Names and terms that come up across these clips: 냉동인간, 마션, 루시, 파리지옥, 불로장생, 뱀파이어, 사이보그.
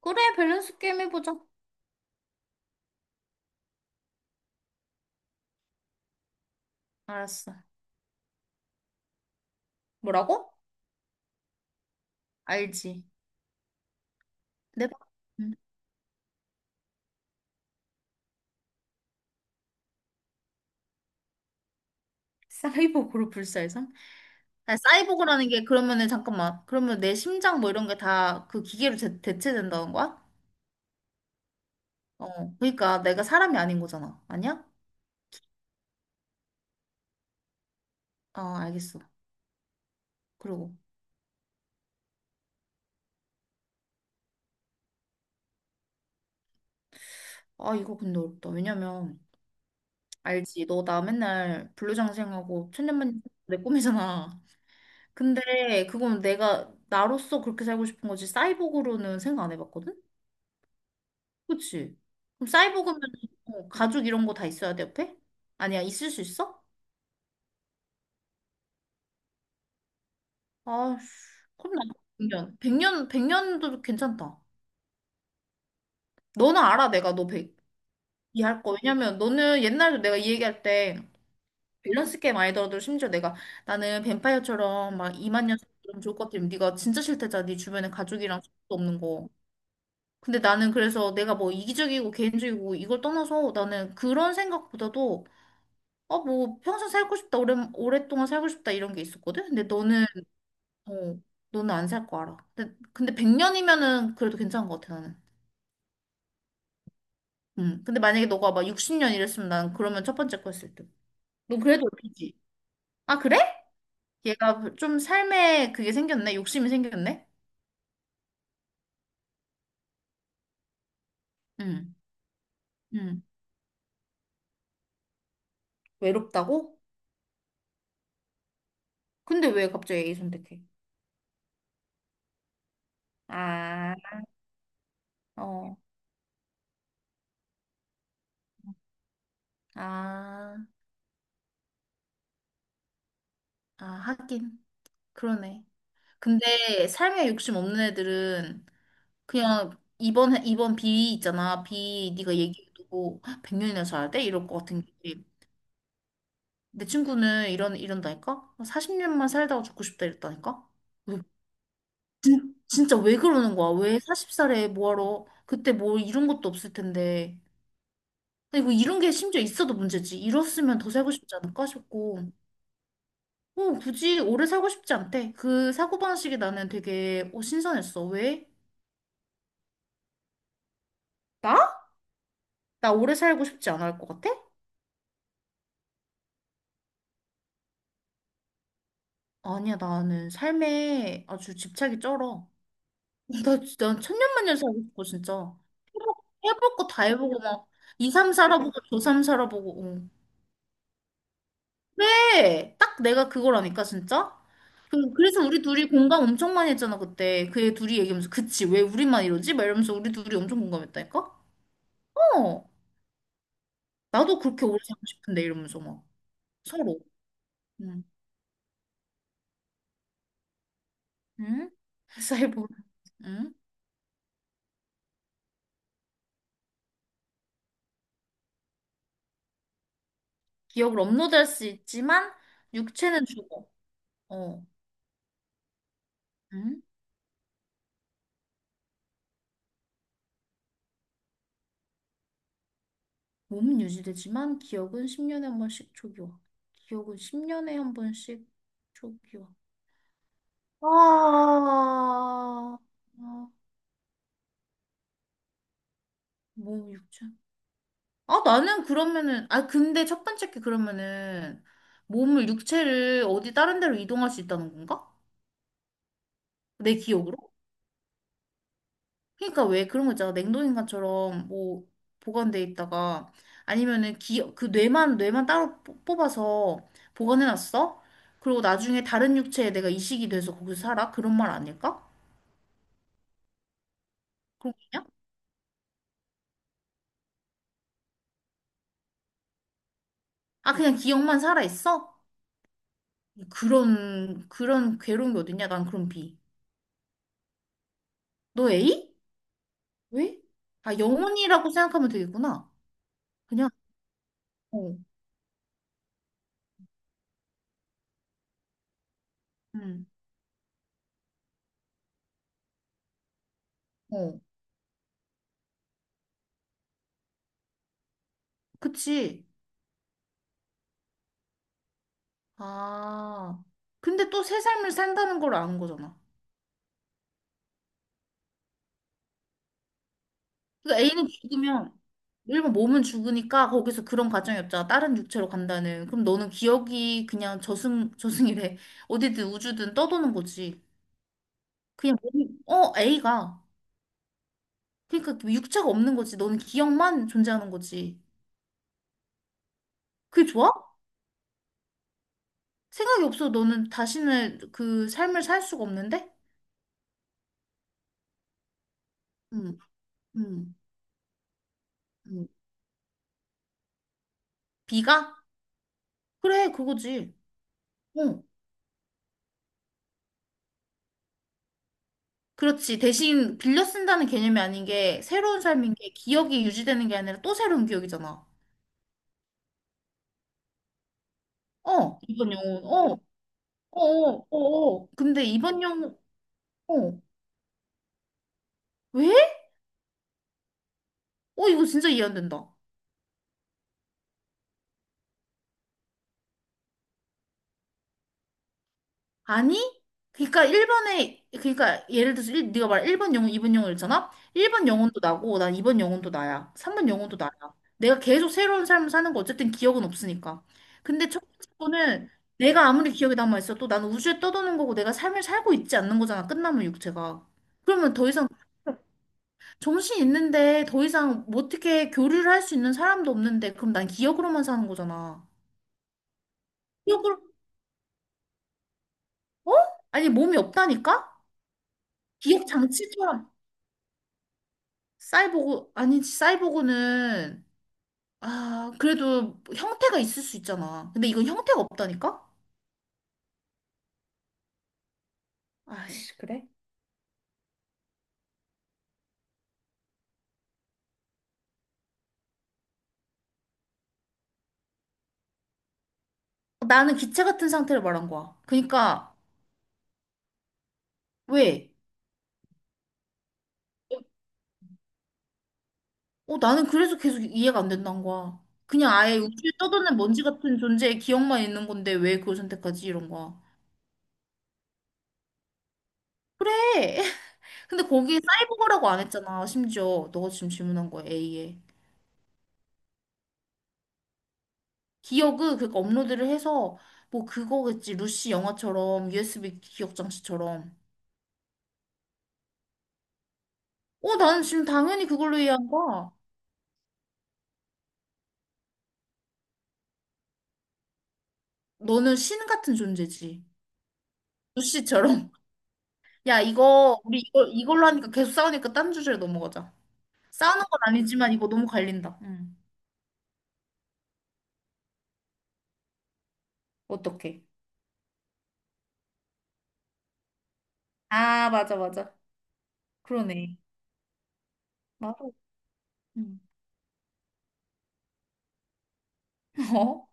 그래, 밸런스 게임 해보자. 알았어. 뭐라고? 알지. 내 방- 음, 사이보그로 불사의성? 아, 사이보그라는 게 그러면은 잠깐만. 그러면 내 심장 뭐 이런 게 다 그 기계로 대체된다는 거야? 어. 그러니까 내가 사람이 아닌 거잖아. 아니야? 아, 알겠어. 그리고 아, 이거 근데 어렵다. 왜냐면 알지. 너 나 맨날 불로장생하고 천년만년 내 꿈이잖아. 근데 그건 내가 나로서 그렇게 살고 싶은 거지. 사이보그로는 생각 안 해봤거든? 그치? 그럼 사이보그면 어, 가죽 이런 거 다 있어야 돼, 옆에? 아니야, 있을 수 있어? 아, 그럼 나 100년. 100년, 100년도 괜찮다. 너는 알아, 내가 너 100, 이해할 거. 왜냐면 너는 옛날에 내가 이 얘기할 때 밸런스 게임 많이 들어도 심지어 내가 나는 뱀파이어처럼 막 2만 년 사는 좋을 것 같으면 네가 진짜 싫대잖아. 네 주변에 가족이랑 친구도 없는 거. 근데 나는 그래서 내가 뭐 이기적이고 개인적이고 이걸 떠나서 나는 그런 생각보다도 어, 뭐, 평생 살고 싶다, 오래, 오랫동안 살고 싶다, 이런 게 있었거든? 근데 너는, 어, 너는 안 살 거 알아. 근데 100년이면은 그래도 괜찮은 것 같아, 나는. 음. 근데 만약에 너가 막 60년 이랬으면 난 그러면 첫 번째 거 했을 때. 넌 그래도 어디지? 아, 그래? 얘가 좀 삶에 그게 생겼네? 욕심이 생겼네? 응, 응. 외롭다고? 근데 왜 갑자기 A 선택해? 아, 어, 아, 아, 하긴. 그러네. 근데 삶에 욕심 없는 애들은 그냥 이번 비 있잖아. 비 네가 얘기해도 100년이나 살아야 돼? 이럴 것 같은 게. 내 친구는 이런 이런다니까? 40년만 살다가 죽고 싶다 이랬다니까? 왜- 진짜 왜 그러는 거야? 왜 40살에 뭐하러 그때 뭐 이런 것도 없을 텐데. 아니 뭐 이런 게 심지어 있어도 문제지. 이렇으면 더 살고 싶지 않을까 싶고. 어, 굳이 오래 살고 싶지 않대. 그 사고방식이 나는 되게 어, 신선했어. 왜? 나? 나 오래 살고 싶지 않을 것 같아? 아니야, 나는 삶에 아주 집착이 쩔어. 나 진짜 난 천년만년 살고 싶어, 진짜. 해볼, 해볼 거 다 해보고 막, 이삼 살아보고, 저삼 살아보고. 응. 왜? 딱 내가 그거라니까, 진짜? 그래서 우리 둘이 공감 엄청 많이 했잖아, 그때. 그 애 둘이 얘기하면서, 그치, 왜 우리만 이러지? 막 이러면서 우리 둘이 엄청 공감했다니까? 어, 나도 그렇게 오래 살고 싶은데, 이러면서 막, 서로. 응? 응? 사이버, 응? 기억을 업로드할 수 있지만, 육체는 죽어. 어. 응? 몸은 유지되지만 기억은 10년에 한 번씩 초기화 기억은 10년에 한 번씩 초기 와. 아, 아, 몸 육체. 아, 나는 그러면은, 아, 근데 첫 번째 게 그러면은 몸을 육체를 어디 다른 데로 이동할 수 있다는 건가? 내 기억으로? 그러니까 왜 그런 거 있잖아. 냉동인간처럼 뭐 보관돼 있다가 아니면은 기, 그 뇌만 따로 뽑아서 보관해놨어. 그리고 나중에 다른 육체에 내가 이식이 돼서 거기서 살아? 그런 말 아닐까? 그런 거냐? 아 그냥 기억만 살아 있어? 그런 괴로운 게 어딨냐? 난 그런 비. 너 A? 왜? 아 영혼이라고 생각하면 되겠구나. 그냥 어, 음, 어, 그치. 아 근데 또 새 삶을 산다는 걸 아는 거잖아. 그 A는 죽으면 일본 몸은 죽으니까 거기서 그런 가정이 없잖아. 다른 육체로 간다는. 그럼 너는 기억이 그냥 저승이래. 어디든 우주든 떠도는 거지. 그냥 몸이 어 A가 그러니까 육체가 없는 거지. 너는 기억만 존재하는 거지. 그게 좋아? 생각이 없어. 너는 다시는 그 삶을 살 수가 없는데? 응 응 응 B가? 그래, 그거지. 어. 그렇지. 대신 빌려 쓴다는 개념이 아닌 게 새로운 삶인 게 기억이 유지되는 게 아니라 또 새로운 기억이잖아. 어, 이번 영혼. 어, 어, 어, 어. 어. 근데 이번 영혼, 어, 왜? 어, 이거 진짜 이해 안 된다. 아니? 그러니까 1번에, 그러니까 예를 들어서 일, 네가 말한 1번 영혼, 2번 영혼 있잖아? 1번 영혼도 나고, 난 2번 영혼도 나야. 3번 영혼도 나야. 내가 계속 새로운 삶을 사는 거 어쨌든 기억은 없으니까. 근데 첫 번째 거는 내가 아무리 기억이 남아있어도 나는 우주에 떠도는 거고 내가 삶을 살고 있지 않는 거잖아. 끝나면 육체가. 그러면 더 이상 정신 있는데 더 이상 뭐 어떻게 교류를 할 수 있는 사람도 없는데 그럼 난 기억으로만 사는 거잖아. 기억으로 어? 아니 몸이 없다니까? 기억 장치처럼 사이보고 아니지 사이보고는 아 그래도 형태가 있을 수 있잖아. 근데 이건 형태가 없다니까? 아씨 그래? 나는 기체 같은 상태를 말한 거야. 그러니까 왜? 어 나는 그래서 계속 이해가 안 된다는 거야. 그냥 아예 우주에 떠도는 먼지 같은 존재의 기억만 있는 건데 왜 그걸 선택하지 이런 거야. 그래. 근데 거기 사이버거라고 안 했잖아. 심지어 너가 지금 질문한 거야 A에. 기억은 그니까 업로드를 해서 뭐 그거겠지. 루시 영화처럼 USB 기억 장치처럼. 어, 나는 지금 당연히 그걸로 이해한 거야. 너는 신 같은 존재지. 루시처럼. 야, 이거 우리 이걸 이걸로 하니까 계속 싸우니까 딴 주제로 넘어가자. 싸우는 건 아니지만 이거 너무 갈린다. 응. 어떡해. 아, 맞아, 맞아. 그러네. 맞아. 응. 어?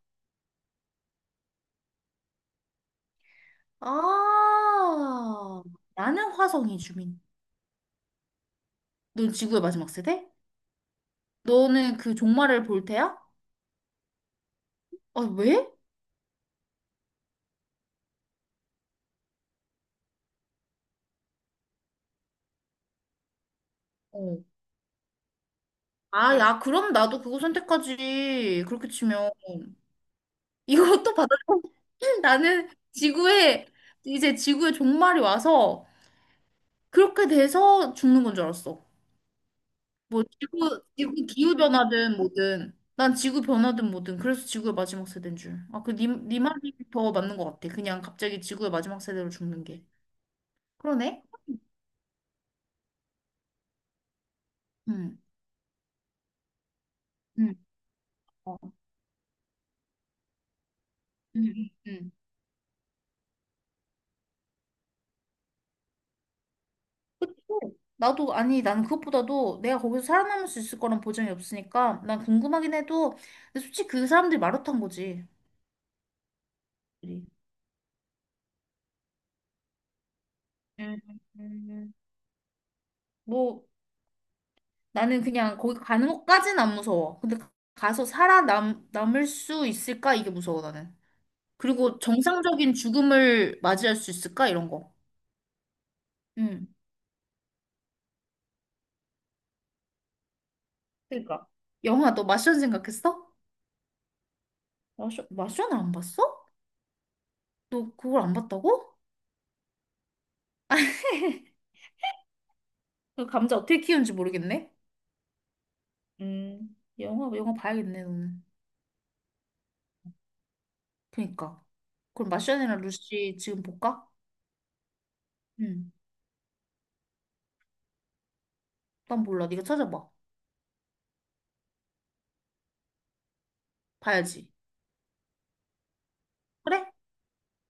아, 나는 화성이 주민. 넌 지구의 마지막 세대? 너는 그 종말을 볼 테야? 아, 왜? 어. 아, 야, 그럼 나도 그거 선택하지. 그렇게 치면. 이것도 받아. 나는 지구에, 이제 지구의 종말이 와서 그렇게 돼서 죽는 건 줄 알았어. 뭐, 지구, 지구 기후변화든 뭐든. 난 지구 변화든 뭐든. 그래서 지구의 마지막 세대인 줄. 아, 니 말이 더 맞는 것 같아. 그냥 갑자기 지구의 마지막 세대로 죽는 게. 그러네? 응. 응. 어. 응. 응. 응. 그쵸? 나도 아니 나는 그것보다도 내가 거기서 살아남을 수 있을 거란 보장이 없으니까 난 궁금하긴 해도 근데 솔직히 그 사람들이 마루탄 거지. 음, 음. 뭐 나는 그냥 거기 가는 것까진 안 무서워. 근데 가서 살아남 남을 수 있을까 이게 무서워 나는. 그리고 정상적인 죽음을 맞이할 수 있을까 이런 거. 응. 그러니까. 영화 너 마션 생각했어? 마션을 안 봤어? 너 그걸 안 봤다고? 그 감자 어떻게 키우는지 모르겠네. 영화 봐야겠네, 너는. 그니까. 그럼 마션이랑 루시 지금 볼까? 응. 난 몰라. 네가 찾아봐. 봐야지. 그래?